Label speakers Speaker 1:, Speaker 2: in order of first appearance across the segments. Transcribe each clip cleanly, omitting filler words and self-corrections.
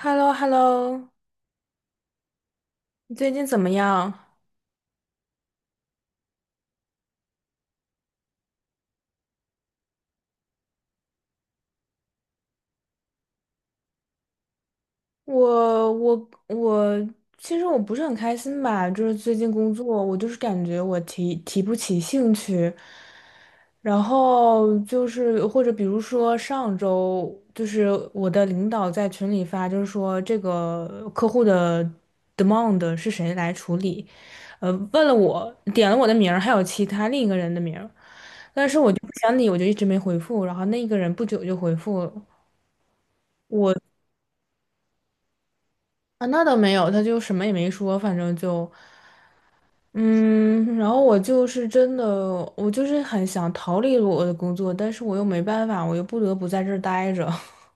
Speaker 1: h e l l o h e l l o 你最近怎么样？我其实我不是很开心吧，就是最近工作，我就是感觉我提不起兴趣，然后就是或者比如说上周，就是我的领导在群里发，就是说这个客户的 demand 是谁来处理，问了我，点了我的名儿，还有其他另一个人的名儿，但是我就不想理，我就一直没回复，然后那个人不久就回复了。啊，那倒没有，他就什么也没说，反正就，嗯，然后我就是真的，我就是很想逃离我的工作，但是我又没办法，我又不得不在这儿待着。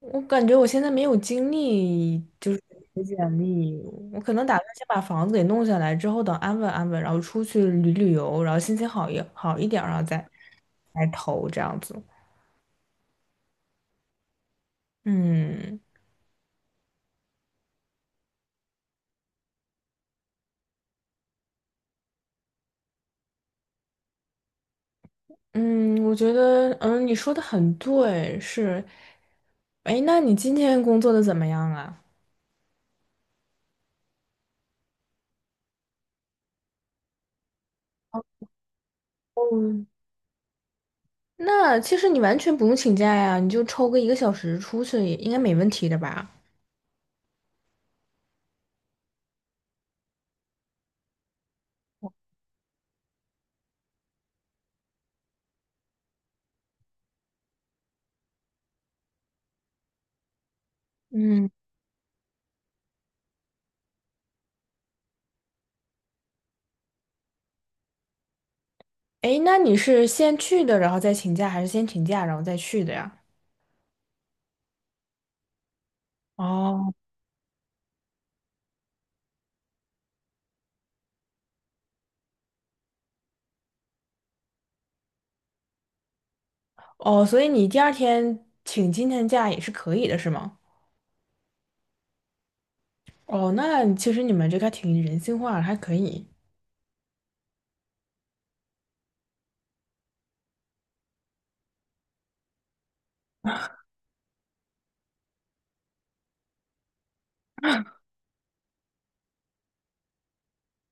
Speaker 1: 我感觉我现在没有精力，就是写简历，我可能打算先把房子给弄下来，之后等安稳安稳，然后出去旅旅游，然后心情好一好一点儿然后再来投这样子。嗯。嗯，我觉得，你说的很对，是。哎，那你今天工作的怎么样啊？嗯，那其实你完全不用请假呀，你就抽个一个小时出去，应该没问题的吧？嗯，哎，那你是先去的，然后再请假，还是先请假然后再去的呀？哦哦，所以你第二天请今天假也是可以的，是吗？哦，那其实你们这个还挺人性化的，还可以。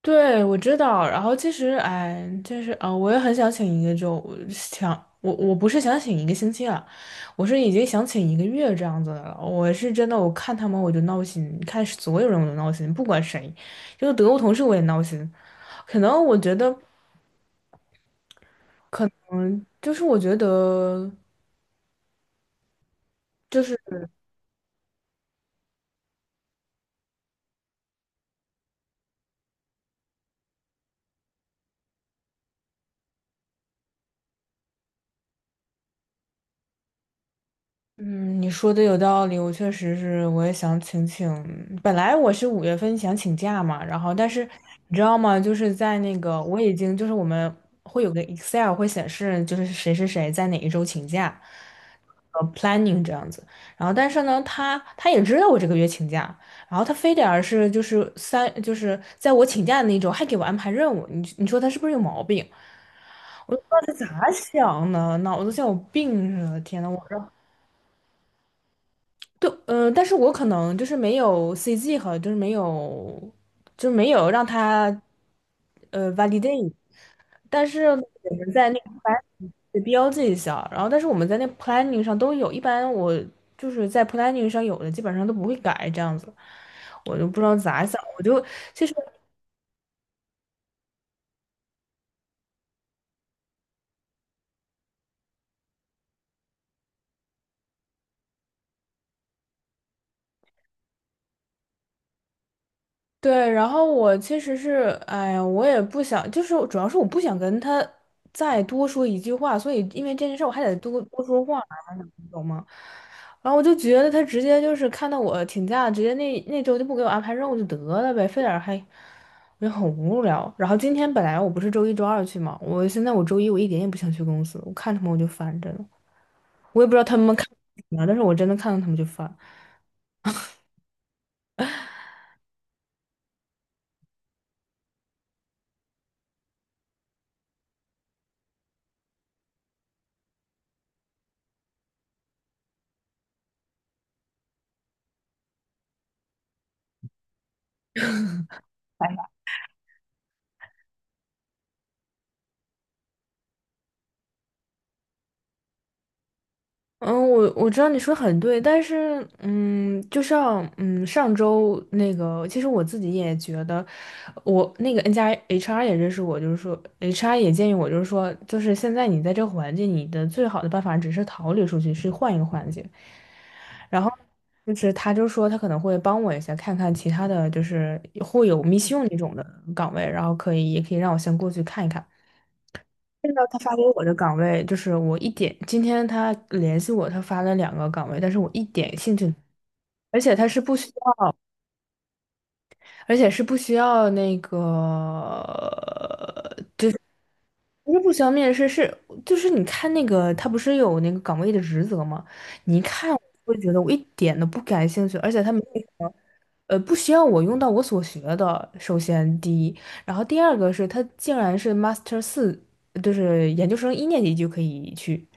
Speaker 1: 对，我知道。然后其实，哎，就是啊，我也很想请一个周，我想我不是想请一个星期啊，我是已经想请一个月这样子的了。我是真的，我看他们我就闹心，看所有人我都闹心，不管谁，就是德国同事我也闹心。可能我觉得，就是我觉得。就是。嗯，你说的有道理，我确实是，我也想请请。本来我是5月份想请假嘛，然后但是你知道吗？就是在那个我已经就是我们会有个 Excel 会显示就是谁谁谁在哪一周请假，planning 这样子。然后但是呢，他也知道我这个月请假，然后他非得而是就是三就是在我请假的那一周还给我安排任务，你说他是不是有毛病？我都不知道他咋想的，脑子像有病似的。天呐，我。这。对，但是我可能就是没有 CG 和就是没有，就没有让他，validate，但是我们在那个 plan 得标记一下，然后但是我们在那 planning 上都有，一般我就是在 planning 上有的基本上都不会改这样子，我就不知道咋想，我就其实。对，然后我其实是，哎呀，我也不想，就是主要是我不想跟他再多说一句话，所以因为这件事我还得多多说话，你懂吗？然后我就觉得他直接就是看到我请假，直接那那周就不给我安排任务就得了呗，非得还，我就很无聊。然后今天本来我不是周一周二去嘛，我现在我周一我一点也不想去公司，我看他们我就烦着呢，我也不知道他们看什么，但是我真的看到他们就烦。嗯，我知道你说得很对，但是，就像，上周那个，其实我自己也觉得，我那个 N 加 HR 也认识我，就是说，HR 也建议我，就是说，就是现在你在这个环境，你的最好的办法只是逃离出去，是换一个环境。然后，就是他就说他可能会帮我一下，看看其他的就是会有 mission 那种的岗位，然后可以也可以让我先过去看一看。看到他发给我的岗位，就是我一点，今天他联系我，他发了两个岗位，但是我一点兴趣，而且他是不需要，而且是不需要那个，不是不需要面试，是就是你看那个，他不是有那个岗位的职责吗？你一看，我就觉得我一点都不感兴趣，而且他没有什么不需要我用到我所学的，首先第一，然后第二个是他竟然是 Master 4，就是研究生一年级就可以去。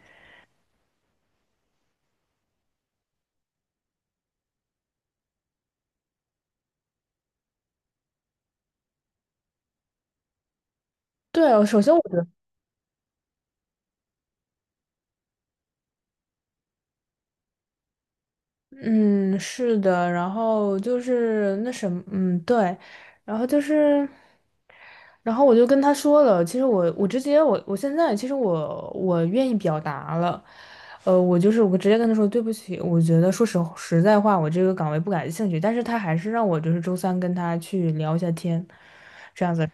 Speaker 1: 对哦，首先我觉得，嗯，是的，然后就是那什么，嗯，对，然后就是，然后我就跟他说了，其实我直接我现在其实我愿意表达了，我就是我直接跟他说对不起，我觉得说实实在话，我这个岗位不感兴趣，但是他还是让我就是周三跟他去聊一下天，这样子。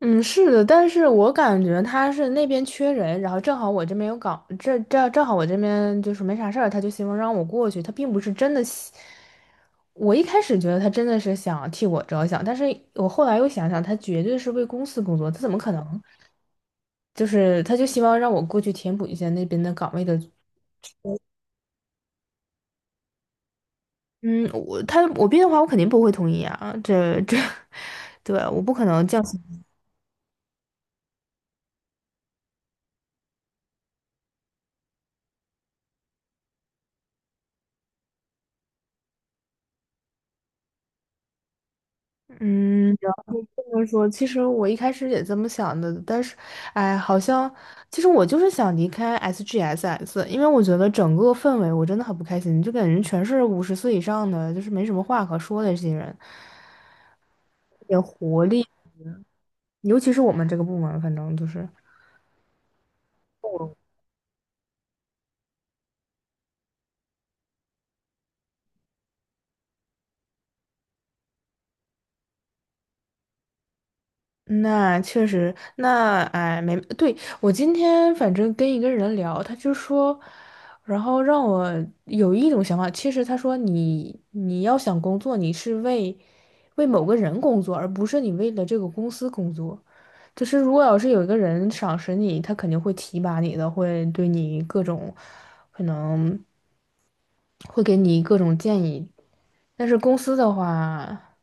Speaker 1: 嗯，是的，但是我感觉他是那边缺人，然后正好我这边有岗，这正好我这边就是没啥事儿，他就希望让我过去，他并不是真的希我一开始觉得他真的是想替我着想，但是我后来又想想，他绝对是为公司工作，他怎么可能？就是他就希望让我过去填补一下那边的岗位的，嗯，我他我变的话，我肯定不会同意啊，这这，对，我不可能降薪，嗯。就是说，其实我一开始也这么想的，但是，哎，好像其实我就是想离开 SGSS，因为我觉得整个氛围我真的很不开心，就感觉全是50岁以上的，就是没什么话可说的这些人，尤其是我们这个部门，反正就是。那确实，那哎，没，对，我今天反正跟一个人聊，他就说，然后让我有一种想法，其实他说你要想工作，你是为某个人工作，而不是你为了这个公司工作。就是如果要是有一个人赏识你，他肯定会提拔你的，会对你各种可能会给你各种建议。但是公司的话，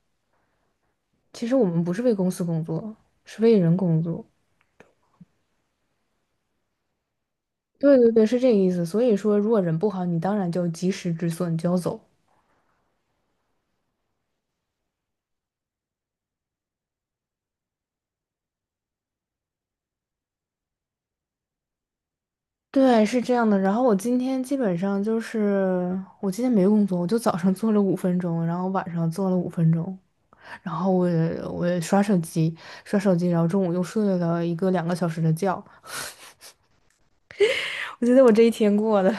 Speaker 1: 其实我们不是为公司工作，是为人工作。对对对，是这个意思。所以说，如果人不好，你当然就及时止损，就要走。对，是这样的。然后我今天基本上就是，我今天没工作，我就早上做了五分钟，然后晚上做了五分钟，然后我也刷手机，刷手机，然后中午又睡了2个小时的觉。我觉得我这一天过的，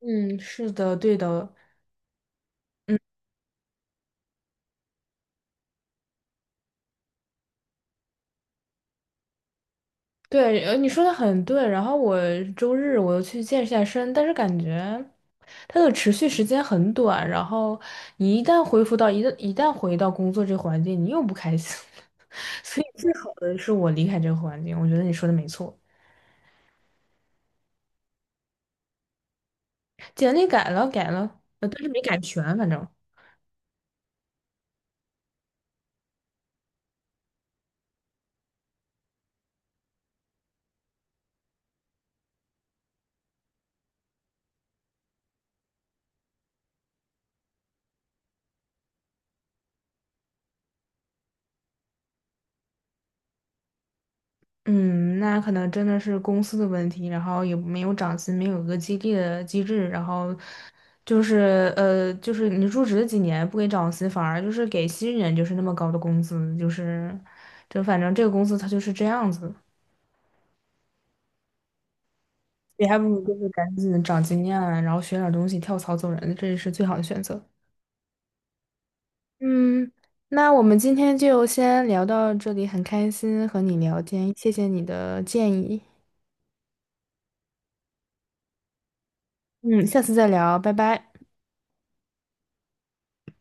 Speaker 1: 嗯，是的，对的，嗯。对，你说的很对。然后我周日我又去健一下身，但是感觉它的持续时间很短。然后你一旦恢复到一旦回到工作这个环境，你又不开心了。所以最好的是我离开这个环境。我觉得你说的没错，简历改了改了，但是没改全，反正。嗯，那可能真的是公司的问题，然后也没有涨薪，没有一个激励的机制，然后就是就是你入职几年不给涨薪，反而就是给新人就是那么高的工资，就是就反正这个公司它就是这样子，你还不如就是赶紧长经验啊，然后学点儿东西，跳槽走人，这是最好的选择。嗯，那我们今天就先聊到这里，很开心和你聊天，谢谢你的建议。嗯，下次再聊，拜拜。